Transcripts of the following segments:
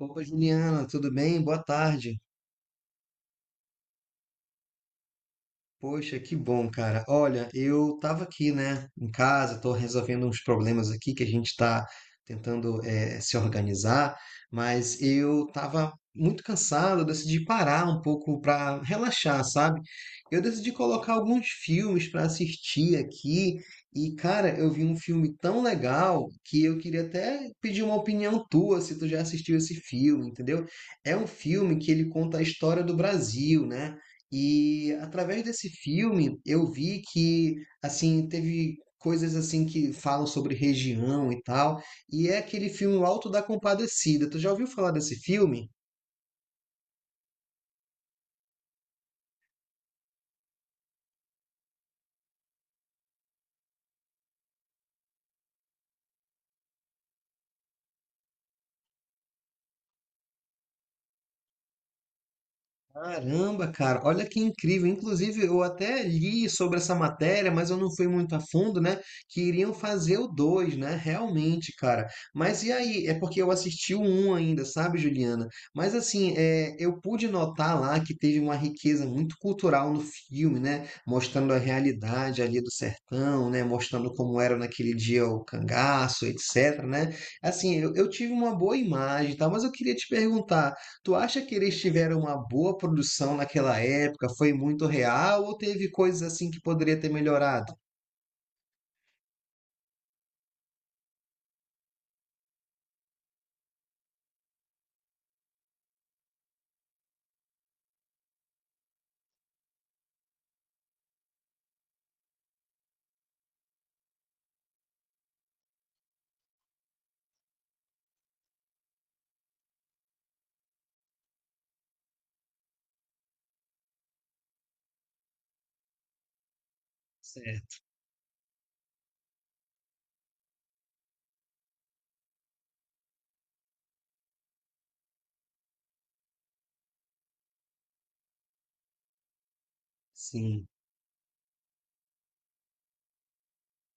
Opa, Juliana, tudo bem? Boa tarde. Poxa, que bom, cara. Olha, eu tava aqui, né, em casa, tô resolvendo uns problemas aqui que a gente tá tentando se organizar, mas eu tava muito cansado, eu decidi parar um pouco pra relaxar, sabe? Eu decidi colocar alguns filmes pra assistir aqui e, cara, eu vi um filme tão legal que eu queria até pedir uma opinião tua se tu já assistiu esse filme, entendeu? É um filme que ele conta a história do Brasil, né? E através desse filme eu vi que assim teve coisas assim que falam sobre região e tal, e é aquele filme O Alto da Compadecida. Tu já ouviu falar desse filme? Caramba, cara, olha que incrível. Inclusive, eu até li sobre essa matéria, mas eu não fui muito a fundo, né? Que iriam fazer o 2, né? Realmente, cara. Mas e aí? É porque eu assisti o 1 ainda, sabe, Juliana? Mas assim, é, eu pude notar lá que teve uma riqueza muito cultural no filme, né? Mostrando a realidade ali do sertão, né? Mostrando como era naquele dia o cangaço, etc, né? Assim, eu tive uma boa imagem, tá? Mas eu queria te perguntar. Tu acha que eles tiveram uma boa produção naquela época? Foi muito real ou teve coisas assim que poderia ter melhorado? Certo. Sim.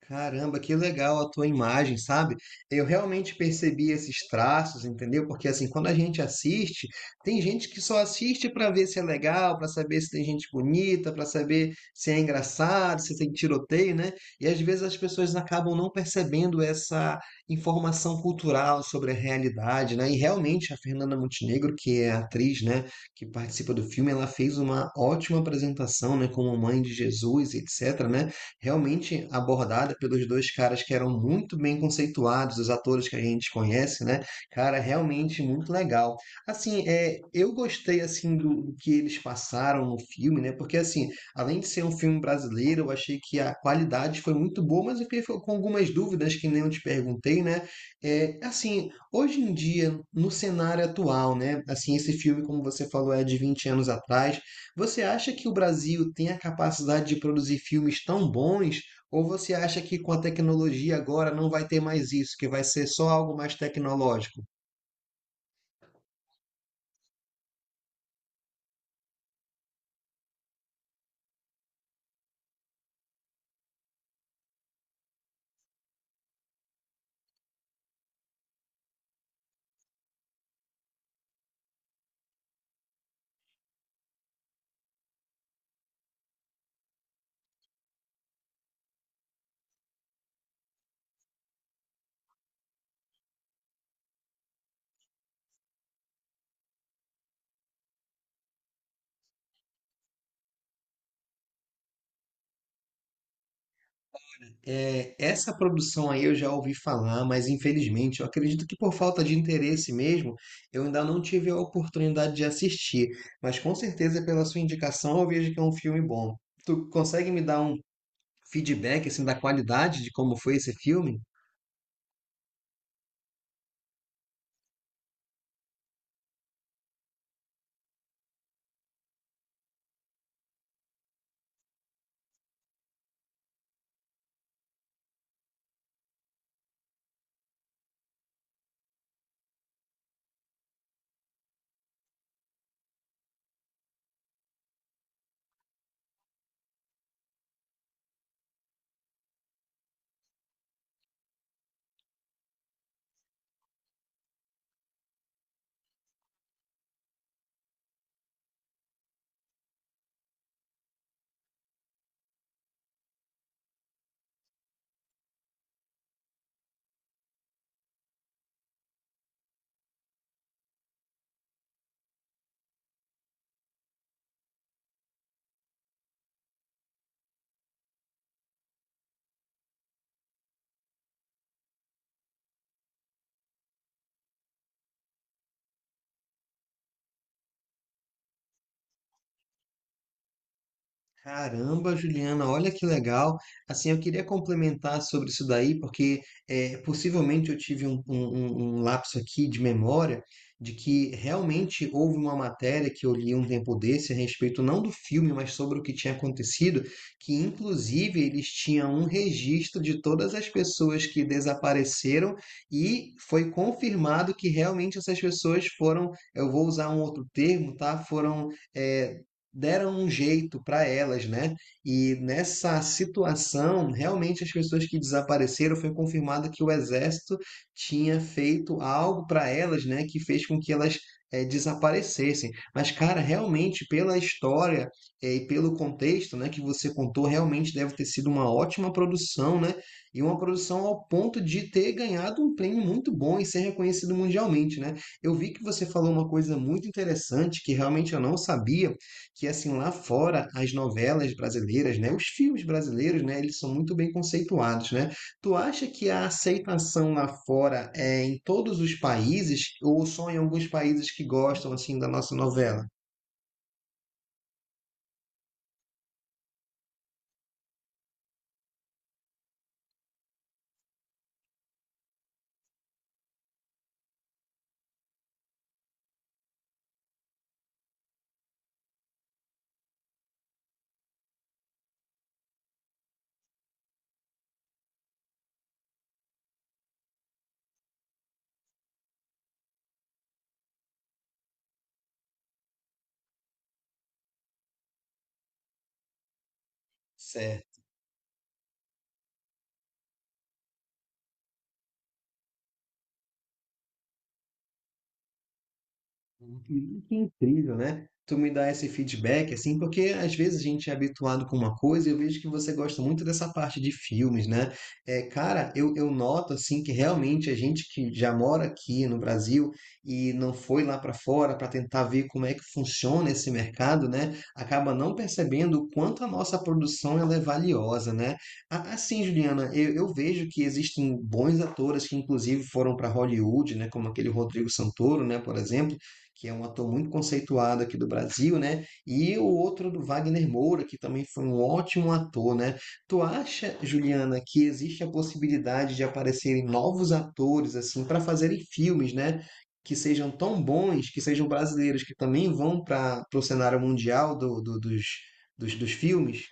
Caramba, que legal a tua imagem, sabe? Eu realmente percebi esses traços, entendeu? Porque assim, quando a gente assiste, tem gente que só assiste para ver se é legal, para saber se tem gente bonita, para saber se é engraçado, se tem tiroteio, né? E às vezes as pessoas acabam não percebendo essa informação cultural sobre a realidade, né? E realmente a Fernanda Montenegro, que é a atriz, né, que participa do filme, ela fez uma ótima apresentação, né, como Mãe de Jesus, etc, né? Realmente abordada pelos dois caras que eram muito bem conceituados, os atores que a gente conhece, né? Cara, realmente muito legal. Assim, é, eu gostei assim do que eles passaram no filme, né? Porque assim, além de ser um filme brasileiro, eu achei que a qualidade foi muito boa, mas eu fiquei com algumas dúvidas que nem eu te perguntei, né? É, assim, hoje em dia, no cenário atual, né? Assim, esse filme, como você falou, é de 20 anos atrás. Você acha que o Brasil tem a capacidade de produzir filmes tão bons? Ou você acha que com a tecnologia agora não vai ter mais isso, que vai ser só algo mais tecnológico? É, essa produção aí eu já ouvi falar, mas infelizmente eu acredito que por falta de interesse mesmo, eu ainda não tive a oportunidade de assistir. Mas com certeza pela sua indicação eu vejo que é um filme bom. Tu consegue me dar um feedback assim da qualidade de como foi esse filme? Caramba, Juliana, olha que legal. Assim, eu queria complementar sobre isso daí, porque é, possivelmente eu tive um lapso aqui de memória de que realmente houve uma matéria que eu li um tempo desse a respeito não do filme, mas sobre o que tinha acontecido, que inclusive eles tinham um registro de todas as pessoas que desapareceram e foi confirmado que realmente essas pessoas foram, eu vou usar um outro termo, tá? Foram é, deram um jeito para elas, né? E nessa situação, realmente as pessoas que desapareceram foi confirmado que o exército tinha feito algo para elas, né? Que fez com que elas desaparecessem. Mas, cara, realmente pela história e pelo contexto, né, que você contou, realmente deve ter sido uma ótima produção, né? E uma produção ao ponto de ter ganhado um prêmio muito bom e ser reconhecido mundialmente, né? Eu vi que você falou uma coisa muito interessante que realmente eu não sabia que assim lá fora as novelas brasileiras, né, os filmes brasileiros, né, eles são muito bem conceituados, né? Tu acha que a aceitação lá fora é em todos os países ou só em alguns países que gostam assim da nossa novela? Certo. Que incrível, né? Tu me dá esse feedback, assim, porque às vezes a gente é habituado com uma coisa e eu vejo que você gosta muito dessa parte de filmes, né? É, cara, eu noto, assim, que realmente a gente que já mora aqui no Brasil e não foi lá para fora para tentar ver como é que funciona esse mercado, né? Acaba não percebendo o quanto a nossa produção ela é valiosa, né? Assim, Juliana, eu vejo que existem bons atores que, inclusive, foram para Hollywood, né? Como aquele Rodrigo Santoro, né? Por exemplo que é um ator muito conceituado aqui do Brasil, né? E o outro do Wagner Moura, que também foi um ótimo ator, né? Tu acha, Juliana, que existe a possibilidade de aparecerem novos atores assim para fazerem filmes, né? Que sejam tão bons, que sejam brasileiros, que também vão para o cenário mundial dos filmes?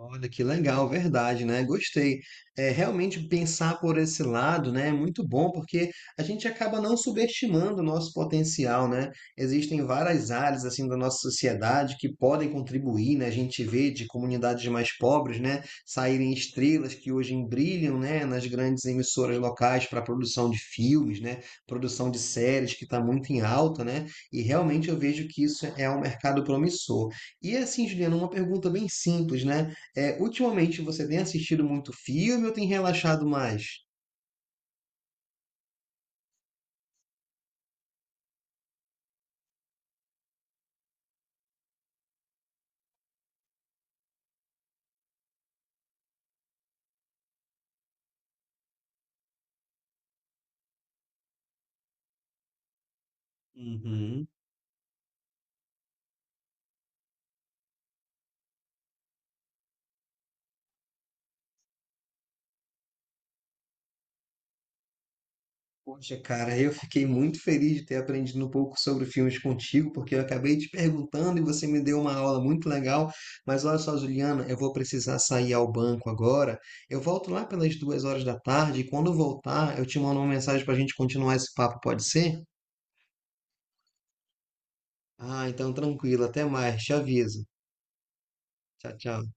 Olha que legal, verdade, né? Gostei. É, realmente pensar por esse lado, né, é muito bom porque a gente acaba não subestimando o nosso potencial, né? Existem várias áreas assim da nossa sociedade que podem contribuir, né? A gente vê de comunidades mais pobres, né, saírem estrelas que hoje brilham, né, nas grandes emissoras locais para produção de filmes, né, produção de séries que está muito em alta, né? E realmente eu vejo que isso é um mercado promissor. E assim, Juliana, uma pergunta bem simples, né? É, ultimamente você tem assistido muito filme ou tem relaxado mais? Uhum. Poxa, cara, eu fiquei muito feliz de ter aprendido um pouco sobre filmes contigo, porque eu acabei te perguntando e você me deu uma aula muito legal. Mas olha só, Juliana, eu vou precisar sair ao banco agora. Eu volto lá pelas 2 horas da tarde e quando eu voltar, eu te mando uma mensagem para a gente continuar esse papo, pode ser? Ah, então tranquilo, até mais, te aviso. Tchau, tchau.